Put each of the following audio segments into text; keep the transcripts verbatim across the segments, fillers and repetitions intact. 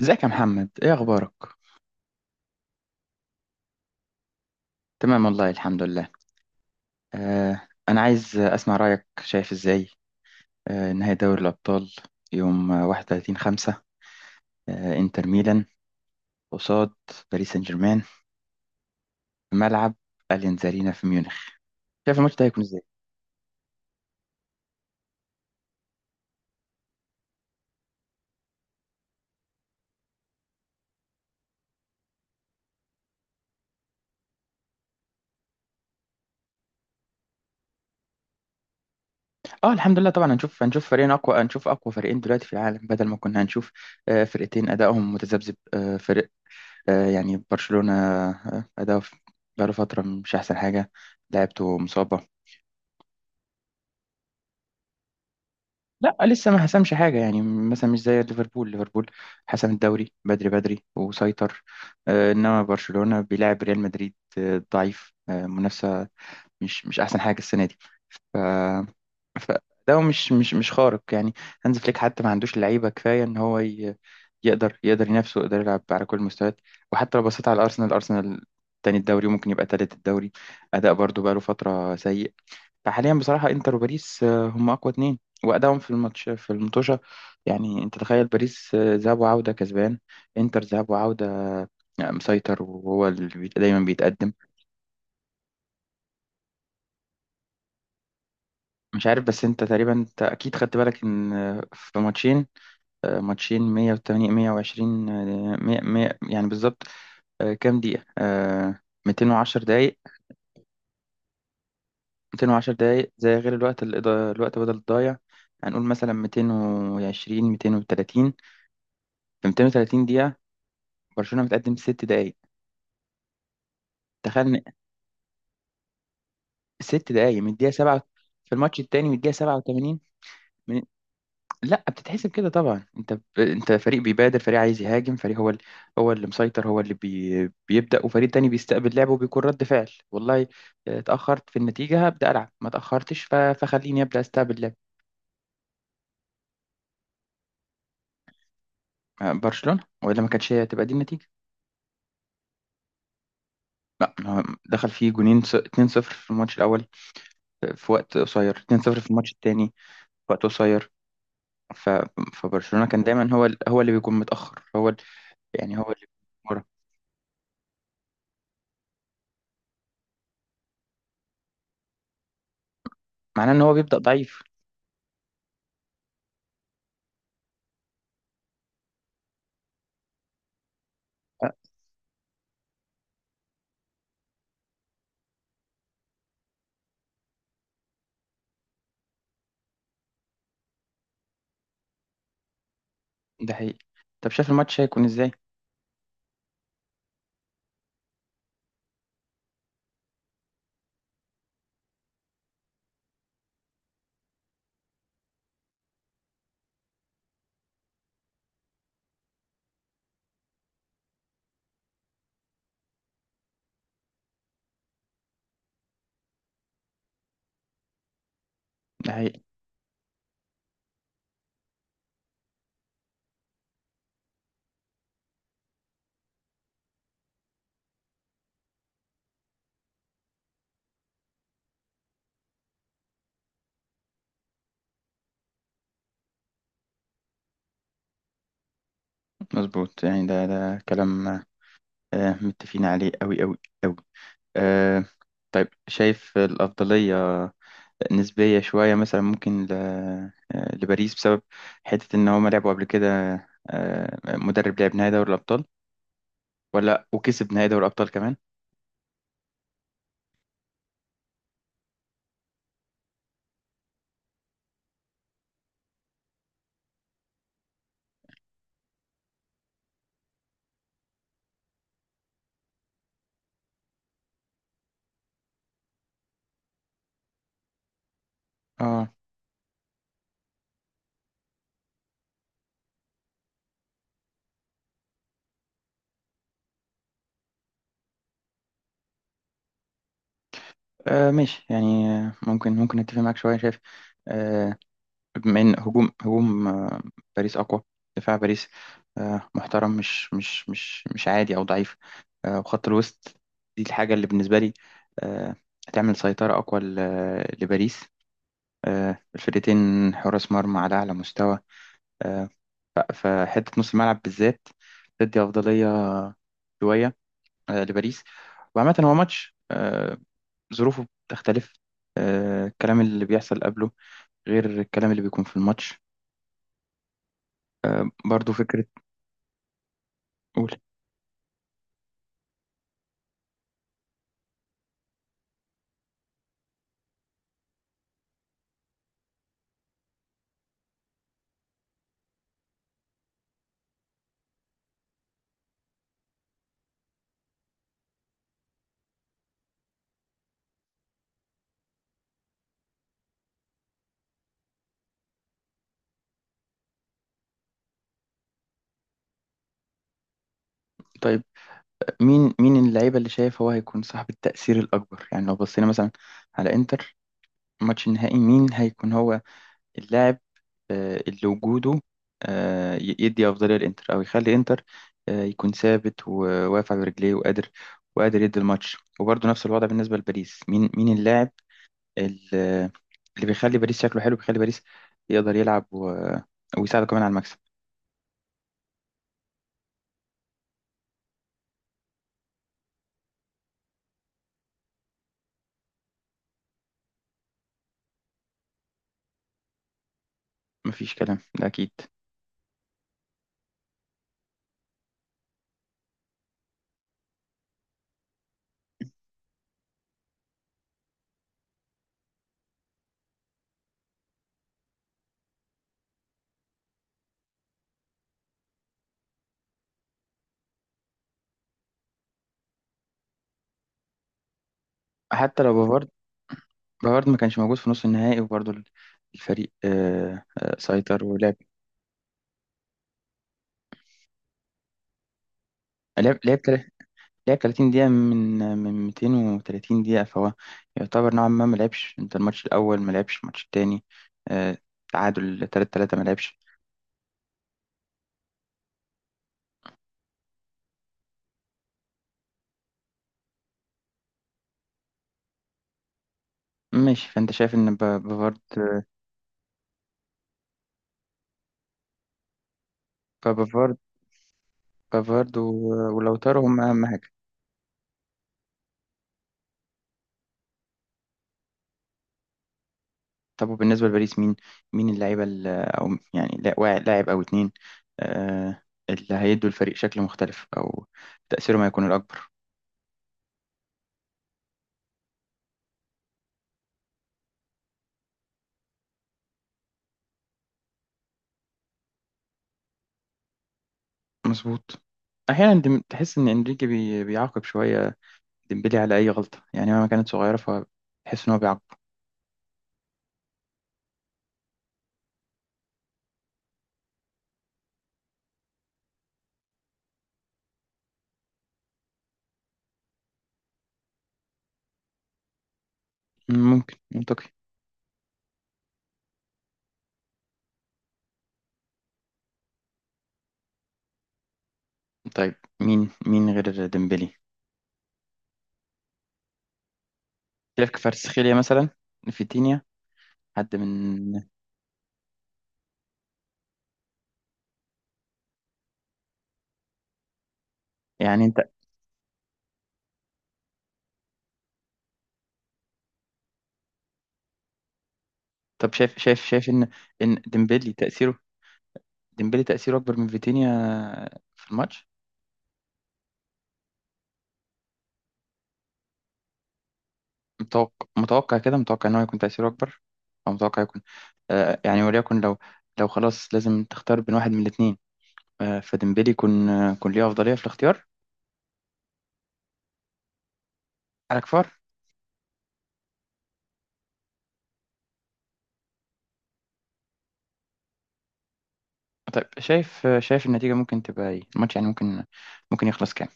ازيك يا محمد، ايه اخبارك؟ تمام والله، الحمد لله. آه انا عايز اسمع رايك، شايف ازاي؟ آه نهائي دوري الابطال، يوم واحد وتلاتين خمسة، آه انتر ميلان قصاد باريس سان جيرمان، في ملعب اليانز ارينا في ميونخ. شايف الماتش ده هيكون ازاي؟ اه الحمد لله طبعا. هنشوف هنشوف فريقين اقوى، هنشوف اقوى فريقين دلوقتي في العالم، بدل ما كنا هنشوف آه فرقتين ادائهم متذبذب. آه فرق آه يعني برشلونة، آه اداؤه في- بقاله فترة مش احسن حاجة، لعبته مصاب. لا، لسه ما حسمش حاجة، يعني مثلا مش زي ليفربول. ليفربول حسم الدوري بدري بدري وسيطر. آه، إنما برشلونة بيلعب ريال مدريد آه، ضعيف، آه، منافسة مش مش أحسن حاجة السنة دي. ف... فده مش مش مش خارق يعني. هانز فليك حتى ما عندوش لعيبة كفاية إن هو ي... يقدر يقدر ينافسه، يقدر يلعب على كل المستويات. وحتى لو بصيت على الأرسنال الأرسنال، تاني الدوري وممكن يبقى تالت الدوري، أداء برضو بقاله فترة سيء. فحاليا بصراحة انتر وباريس آه، هم اقوى اتنين. وادائهم في الماتش في المطوشة، يعني انت تخيل، باريس آه، ذهاب وعودة كسبان، انتر ذهاب وعودة آه، مسيطر، وهو اللي بيت- دايما بيتقدم. مش عارف، بس انت تقريبا انت اكيد خدت بالك ان آه، في ماتشين. آه، ماتشين مية وتمانين مية وعشرين، آه، مية مية يعني بالظبط. آه، كام دقيقة؟ آه، ميتين وعشرة دقايق. ميتين وعشرة دقايق زي، غير الوقت الإضا- الوقت بدل الضايع، هنقول مثلا ميتين وعشرين ميتين وتلاتين. في ميتين وتلاتين دقيقة، برشلونة متقدم ست دقايق. تخيل إن ست دقايق من الدقيقة سبعة، في الماتش التاني من الدقيقة سبعة وتمانين. من... لا بتتحسب كده طبعا. انت ب... انت فريق بيبادر، فريق عايز يهاجم، فريق هو ال... هو اللي مسيطر، هو اللي بي... بيبدأ، وفريق تاني بيستقبل لعبه وبيكون رد فعل. والله آه، اتأخرت في النتيجة هبدأ ألعب، ما اتأخرتش ف... فخليني أبدأ استقبل لعب. آه، برشلونة، ولا ما كانتش هي تبقى دي النتيجة. لا، ما هو دخل فيه جونين، ص- اتنين صفر في الماتش الأول آه، في وقت قصير، اتنين صفر في الماتش التاني في وقت قصير. ف... فبرشلونة كان دايما هو ال... هو اللي بيكون متأخر، هو ال... يعني هو اللي بيكون ورا، معناه ان هو بيبدأ ضعيف. أه، ده حقيقي. طب شايف الماتش هيكون ازاي؟ ده حقيقي، مظبوط. يعني ده ده كلام آه، متفقين عليه قوي قوي قوي. آه، طيب شايف الأفضلية نسبية شوية مثلا، ممكن ل... آه، لباريس بسبب حتة ان هما لعبوا قبل كده، آه، مدرب لعب نهائي دوري الأبطال ولا وكسب نهائي دوري الأبطال كمان. اه. آه ماشي يعني، آه، ممكن ممكن اتفق معاك شويه. شايف آه، بما ان هجوم هجوم آه، باريس اقوى، دفاع باريس آه محترم، مش مش مش مش عادي او ضعيف، آه وخط الوسط دي الحاجه اللي بالنسبه لي آه هتعمل سيطره اقوى ل- لباريس. آه الفرقتين حراس مرمى على اعلى مستوى، آه فحته نص الملعب بالذات تدي افضليه شويه آه لباريس. وعامه هو ماتش آه ظروفه بتختلف، آه الكلام اللي بيحصل قبله غير الكلام اللي بيكون في الماتش، برضو فكرة. قول. طيب مين مين اللعيبة اللي شايف هو هيكون صاحب التأثير الأكبر؟ يعني لو بصينا مثلا على إنتر، الماتش النهائي مين هيكون هو اللاعب آه، اللي وجوده آه، ي- يدي أفضلية لإنتر، أو يخلي إنتر آه، يكون ثابت وواقف على رجليه وقادر، وقادر يدي الماتش. وبرضه نفس الوضع بالنسبة لباريس، مين مين اللاعب ال- اللي بيخلي باريس شكله حلو، بيخلي باريس يقدر يلعب و... ويساعده كمان على المكسب. مفيش كلام ده أكيد. حتى لو بافارد، بافارد ما كانش موجود في نص النهائي، وبرضه ال- الفريق آه، آه، سيطر ولعب. لعب لعب تل- لعب تلاتين دقيقة من من ميتين وتلاتين دقيقة، فهو يعتبر نوعا ما ما لعبش انت الماتش الأول، ما لعبش الماتش التاني آه، تعادل تلاتة تلاتة ما لعبش. ماشي، فأنت شايف إن ب- بافارد، فبافارد بافارد و- ولوتارو، هم أهم. طب وبالنسبة لباريس، مين مين اللعيبة ال- أو يعني لا- وا- لاعب أو اتنين آه، اللي هيدوا الفريق شكل مختلف، أو تأثيره ما يكون الأكبر. مظبوط. أحيانا دم- تحس إن إنريكي بي- بيعاقب شوية ديمبلي على أي غلطة، يعني مهما كانت صغيرة، فتحس إن هو بيعاقب. ممكن منطقي. طيب مين مين غير ديمبلي؟ شايف كفاراتسخيليا مثلا، فيتينيا، حد من، يعني أنت، طب شايف شايف شايف إن، إن ديمبلي تأثيره، ديمبلي تأثيره أكبر من فيتينيا في الماتش. متوقع متوقع كده، متوقع ان هو يكون تأثيره اكبر، او متوقع يكون آه يعني وليكن لو، لو خلاص لازم تختار بين واحد من الاثنين، آه فديمبلي يكون آه، يكون ليه افضليه في الاختيار على كفار. طيب شايف آه، شايف النتيجه ممكن تبقى ايه الماتش؟ يعني ممكن ممكن يخلص كام؟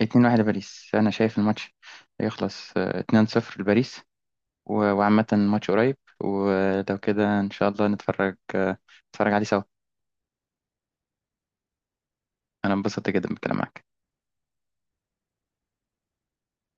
اتنين واحد لباريس. انا شايف الماتش يخلص آه، اتنين صفر لباريس. و- وعامه ماتش قريب، ولو كده ان شاء الله نتفرج آه، نتفرج عليه سوا. انا انبسطت جدا بالكلام معاك.